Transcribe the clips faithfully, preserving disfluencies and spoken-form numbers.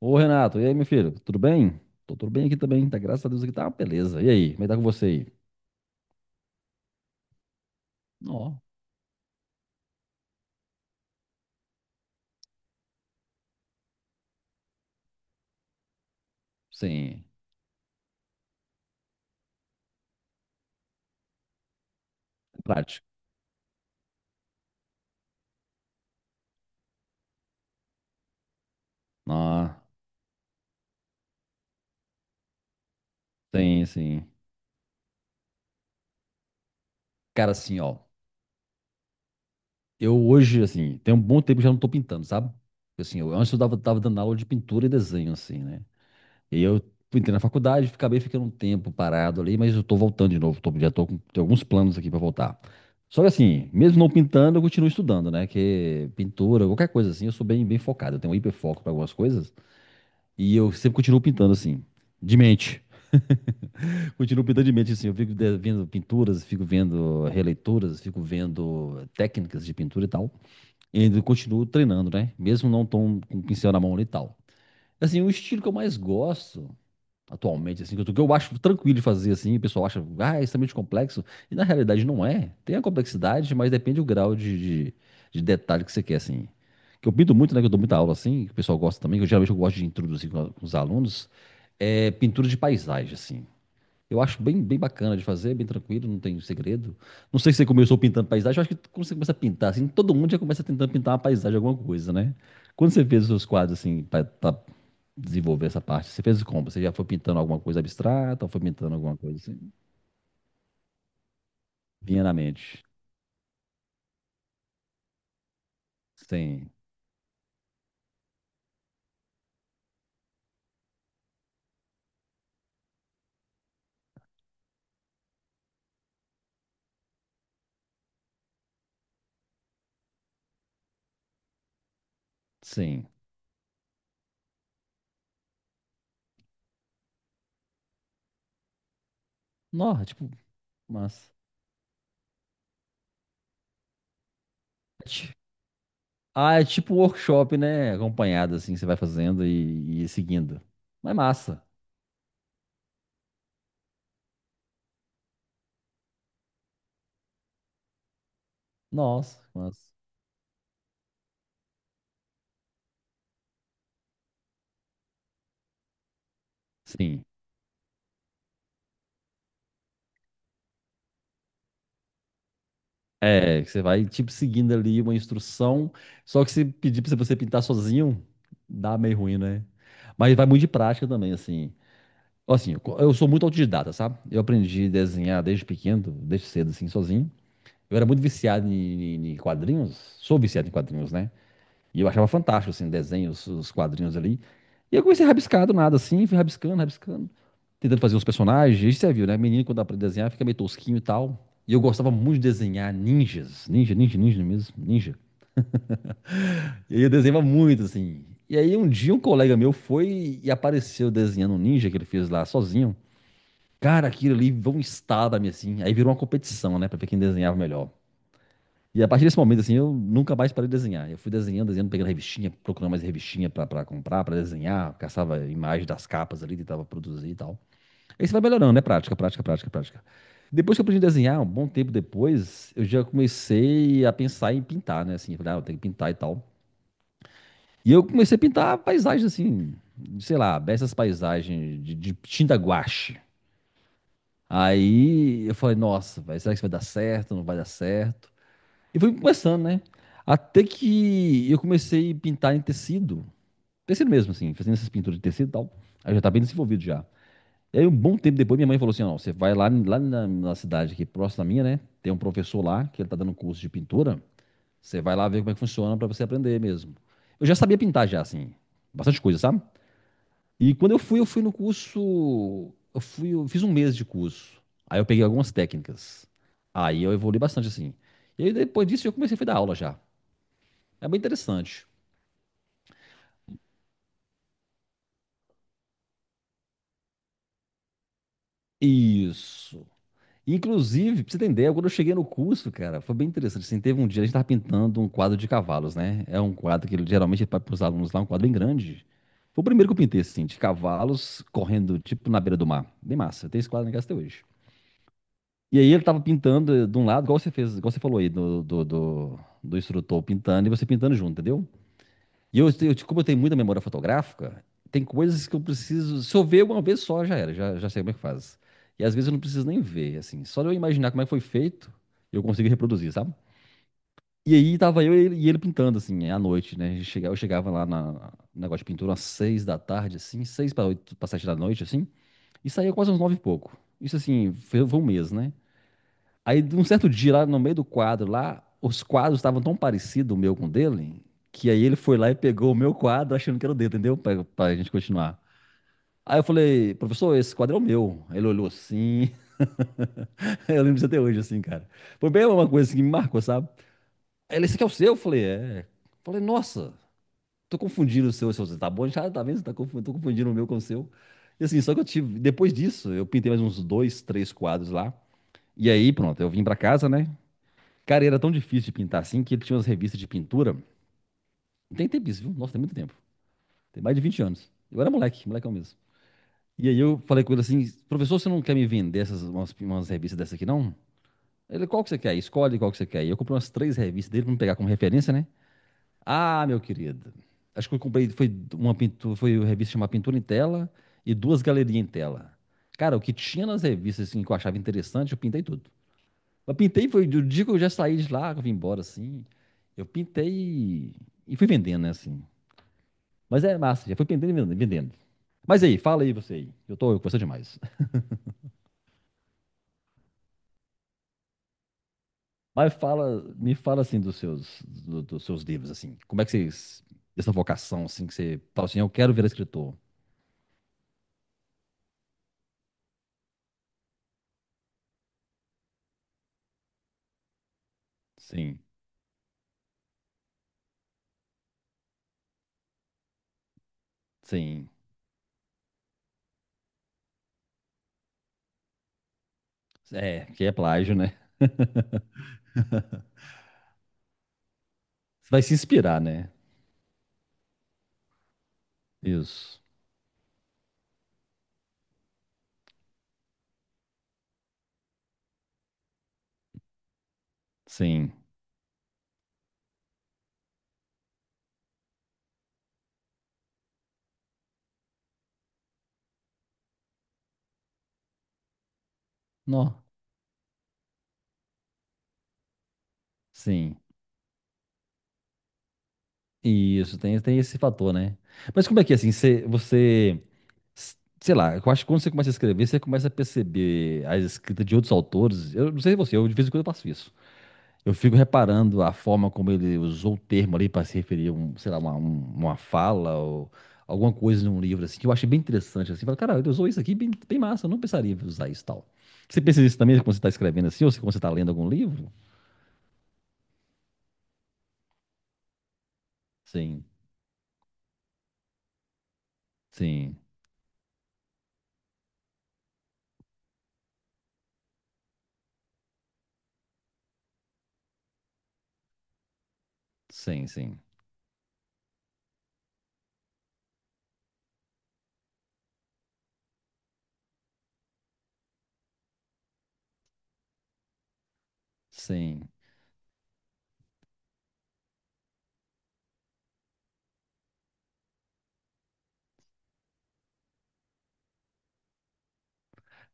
Ô, Renato, e aí, meu filho? Tudo bem? Tô tudo bem aqui também, tá? Graças a Deus aqui tá uma beleza. E aí, como é que tá com você aí? Ó, sim, prático. Ah, tem, sim. Cara, assim, ó, eu hoje, assim, tem um bom tempo que já não tô pintando, sabe? Assim, eu antes eu tava, tava dando aula de pintura e desenho, assim, né? E eu entrei na faculdade, acabei ficando um tempo parado ali, mas eu tô voltando de novo, tô, já tô com tenho alguns planos aqui pra voltar. Só que assim, mesmo não pintando, eu continuo estudando, né? Que pintura, qualquer coisa assim, eu sou bem, bem focado, eu tenho um hiperfoco pra algumas coisas. E eu sempre continuo pintando assim, de mente. Continuo pintando de mente assim. Eu fico de- vendo pinturas, fico vendo releituras, fico vendo técnicas de pintura e tal. E ainda continuo treinando, né? Mesmo não tão com o pincel na mão ali e tal. Assim, o estilo que eu mais gosto atualmente, assim, que eu, tô- que eu acho tranquilo de fazer, assim, o pessoal acha, ah, é extremamente complexo, e na realidade não é. Tem a complexidade, mas depende do grau de, de, de detalhe que você quer, assim. Que eu pinto muito, né, que eu dou muita aula, assim, que o pessoal gosta também, que eu, geralmente eu gosto de introduzir com, a- com os alunos, é pintura de paisagem, assim. Eu acho bem, bem bacana de fazer, bem tranquilo, não tem segredo. Não sei se você começou pintando paisagem, eu acho que quando você começa a pintar, assim, todo mundo já começa tentando pintar uma paisagem, alguma coisa, né? Quando você fez os seus quadros, assim, para desenvolver essa parte? Você fez como? Você já foi pintando alguma coisa abstrata ou foi pintando alguma coisa assim? Vinha na mente. Sim, sim. Nossa, tipo, mas. Ah, é tipo um workshop, né? Acompanhado, assim, que você vai fazendo e, e seguindo. Mas é massa. Nossa, massa. Sim. É, que você vai, tipo, seguindo ali uma instrução. Só que se pedir pra você pintar sozinho, dá meio ruim, né? Mas vai muito de prática também, assim. Assim, eu co- eu sou muito autodidata, sabe? Eu aprendi a desenhar desde pequeno, desde cedo, assim, sozinho. Eu era muito viciado em, em- em quadrinhos, sou viciado em quadrinhos, né? E eu achava fantástico, assim, desenhos, os os quadrinhos ali. E eu comecei a rabiscar do nada, assim, fui rabiscando, rabiscando, tentando fazer os personagens. E você viu, né? Menino, quando aprende a desenhar, fica meio tosquinho e tal. E eu gostava muito de desenhar ninjas, ninja, ninja, ninja mesmo, ninja. E aí eu desenhava muito, assim. E aí um dia um colega meu foi e apareceu desenhando um ninja que ele fez lá sozinho. Cara, aquilo ali virou um estado assim. Aí virou uma competição, né? Pra ver quem desenhava melhor. E a partir desse momento, assim, eu nunca mais parei de desenhar. Eu fui desenhando, desenhando, pegando revistinha, procurando mais revistinha pra, pra comprar, pra desenhar. Caçava imagens das capas ali, tentava produzir e tal. Aí você vai melhorando, né? Prática, prática, prática, prática. Depois que eu aprendi a desenhar, um bom tempo depois, eu já comecei a pensar em pintar, né? Assim, eu falei, ah, eu tenho que pintar e tal. E eu comecei a pintar paisagens assim, sei lá, essas paisagens de, de tinta guache. Aí eu falei, nossa, velho, será que isso vai dar certo? Não vai dar certo? E fui começando, né? Até que eu comecei a pintar em tecido. Tecido mesmo, assim, fazendo essas pinturas de tecido e tal. Aí já tá bem desenvolvido já. E aí, um bom tempo depois, minha mãe falou assim: não, você vai lá, lá na, na cidade aqui próxima da minha, né? Tem um professor lá que ele tá dando um curso de pintura. Você vai lá ver como é que funciona pra você aprender mesmo. Eu já sabia pintar já, assim, bastante coisa, sabe? E quando eu fui, eu fui no curso. Eu fui, eu fiz um mês de curso. Aí eu peguei algumas técnicas. Aí eu evolui bastante assim. E aí depois disso eu comecei a dar aula já. É bem interessante. Isso. Inclusive, pra você entender, quando eu cheguei no curso, cara, foi bem interessante. Assim, teve um dia, a gente tava pintando um quadro de cavalos, né? É um quadro que ele geralmente para os alunos lá, um quadro bem grande. Foi o primeiro que eu pintei, assim, de cavalos correndo, tipo, na beira do mar. Bem massa. Tem esse quadro na casa até hoje. E aí ele tava pintando eh, de um lado, igual você fez, igual você falou aí do, do, do, do instrutor pintando e você pintando junto, entendeu? E eu, eu, como eu tenho muita memória fotográfica, tem coisas que eu preciso. Se eu ver uma vez só, já era, já, já sei como é que faz. E às vezes eu não preciso nem ver, assim, só de eu imaginar como é que foi feito, eu consigo reproduzir, sabe? E aí tava eu e ele, e ele pintando, assim, é, à noite, né? A gente chega- Eu chegava lá na, no negócio de pintura às seis da tarde, assim, seis para oito, para sete da noite, assim, e saía quase às nove e pouco. Isso, assim, foi, foi um mês, né? Aí, de um certo dia, lá no meio do quadro, lá, os quadros estavam tão parecidos, o meu com o dele, que aí ele foi lá e pegou o meu quadro, achando que era o dele, entendeu? Pra, pra gente continuar. Aí eu falei, professor, esse quadro é o meu. Ele olhou assim, eu lembro disso até hoje, assim, cara. Foi bem uma coisa assim, que me marcou, sabe? Aí ele, esse aqui é o seu? Eu falei, é. Falei, nossa, tô confundindo o seu, o seu. Tá bom, já tá vendo? Você tá confundindo, tô confundindo o meu com o seu. E assim, só que eu tive, depois disso, eu pintei mais uns dois, três quadros lá. E aí, pronto, eu vim pra casa, né? Cara, era tão difícil de pintar assim que ele tinha umas revistas de pintura. Tem tempo isso, viu? Nossa, tem muito tempo. Tem mais de vinte anos. Eu era moleque, molecão mesmo. E aí eu falei com ele assim, professor, você não quer me vender essas, umas, umas revistas dessa aqui, não? Ele, qual que você quer? Escolhe qual que você quer. E eu comprei umas três revistas dele pra me pegar como referência, né? Ah, meu querido. Acho que eu comprei, foi uma pintura, foi uma revista chamada Pintura em Tela e duas galerias em tela. Cara, o que tinha nas revistas assim, que eu achava interessante, eu pintei tudo. Eu pintei, foi do dia que eu já saí de lá, que eu vim embora, assim. Eu pintei e, e fui vendendo, né, assim. Mas é massa, já fui pintando e vendendo. vendendo. Mas aí, fala aí você aí. Eu tô conversando demais. Mas fala, me fala assim dos seus, do- dos seus livros, assim. Como é que vocês. Essa vocação, assim, que você fala assim, eu quero virar escritor. Sim, sim. É, que é plágio, né? Você vai se inspirar, né? Isso. Sim. Não. Sim. Isso, tem, tem esse fator, né? Mas como é que assim, você, você, s- sei lá, eu acho que quando você começa a escrever, você começa a perceber as escritas de outros autores. Eu não sei você, eu de vez em quando eu faço isso. Eu fico reparando a forma como ele usou o termo ali para se referir a um, sei lá, uma, um- uma fala ou alguma coisa num livro assim, que eu achei bem interessante assim. Falo, cara, ele usou isso aqui bem, bem massa, eu não pensaria em usar isso e tal. Você pensa nisso também quando você está escrevendo assim, ou se- quando você está lendo algum livro? Sim, sim, sim, sim, sim.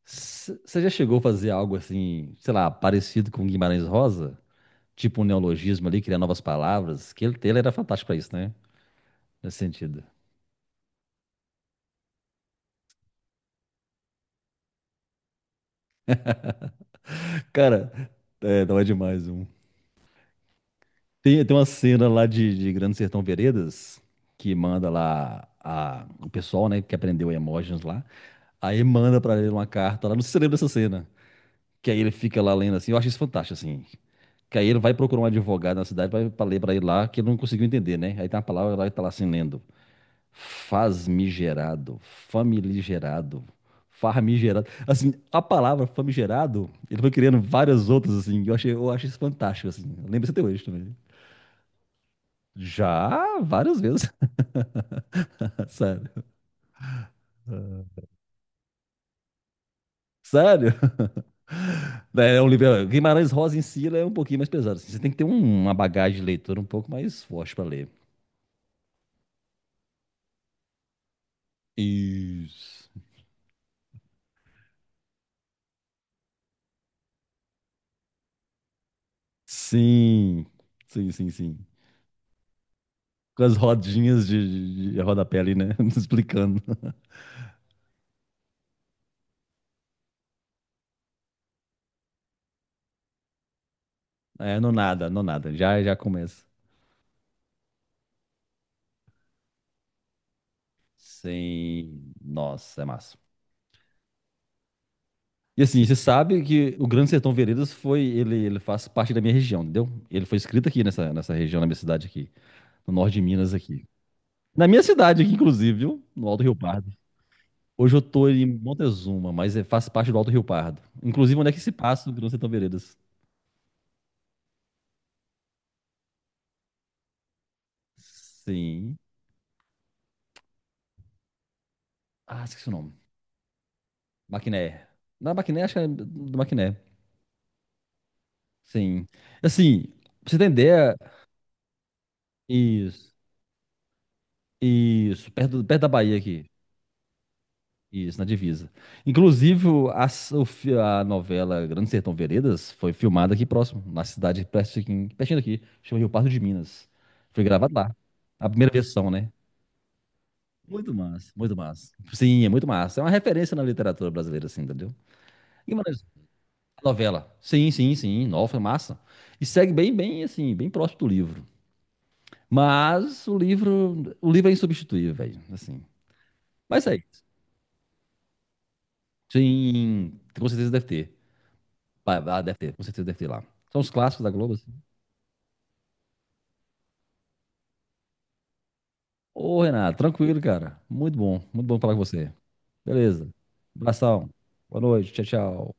Você já chegou a fazer algo assim, sei lá, parecido com Guimarães Rosa? Tipo um neologismo ali, criar novas palavras? Que ele, ele era fantástico pra isso, né? Nesse sentido. Cara, é, não é demais um. Tem, tem uma cena lá de, de Grande Sertão Veredas, que manda lá a- o pessoal, né, que aprendeu emojis lá. Aí manda pra ele uma carta lá, não se lembra dessa cena. Que aí ele fica lá lendo assim, eu acho isso fantástico, assim. Que aí ele vai procurar um advogado na cidade pra, pra ler pra ele lá, que ele não conseguiu entender, né? Aí tem uma palavra lá que tá lá assim lendo. Fasmigerado, familigerado, farmigerado. Assim, a palavra famigerado, ele foi criando várias outras, assim. Eu achei, eu achei isso fantástico, assim. Eu lembro isso até hoje também. Já várias vezes, sério. Sério? É um livro. É, Guimarães Rosa em si, ele é um pouquinho mais pesado, assim. Você tem que ter um- uma bagagem de leitura um pouco mais forte para ler. Isso. Sim, sim, sim, sim. Com as rodinhas de, de, de rodapé ali, né? Explicando. É, no nada, no nada. Já, já começa. Sem. Nossa, é massa. E assim, você sabe que o Grande Sertão Veredas foi. Ele, ele faz parte da minha região, entendeu? Ele foi escrito aqui nessa, nessa região, na minha cidade aqui. No norte de Minas aqui. Na minha cidade aqui, inclusive, viu? No Alto Rio Pardo. Hoje eu tô em Montezuma, mas é- faz parte do Alto Rio Pardo. Inclusive, onde é que se passa o Grande Sertão Veredas? Sim. Ah, esqueci o nome. Maquiné. Na Maquiné, acho que é do Maquiné. Sim. Assim, pra você entender, isso. Isso, perto, perto da Bahia aqui. Isso, na divisa. Inclusive, o- a, s- o fi- a novela Grande Sertão Veredas foi filmada aqui próximo, na cidade perto aqui- pertinho daqui, chama Rio Pardo de Minas. Foi gravado lá. A primeira versão, né? Muito massa, muito massa. Sim, é muito massa. É uma referência na literatura brasileira, assim, entendeu? Guimarães, a novela. Sim, sim, sim. Nova, massa. E segue bem, bem, assim, bem próximo do livro. Mas o livro, o livro é insubstituível, velho. Assim. Mas é isso. Sim, com certeza deve ter. Pa- Ah, deve ter, com certeza deve ter lá. São os clássicos da Globo, assim. Ô, Renato, tranquilo, cara. Muito bom, muito bom falar com você. Beleza. Abração. Boa noite. Tchau, tchau.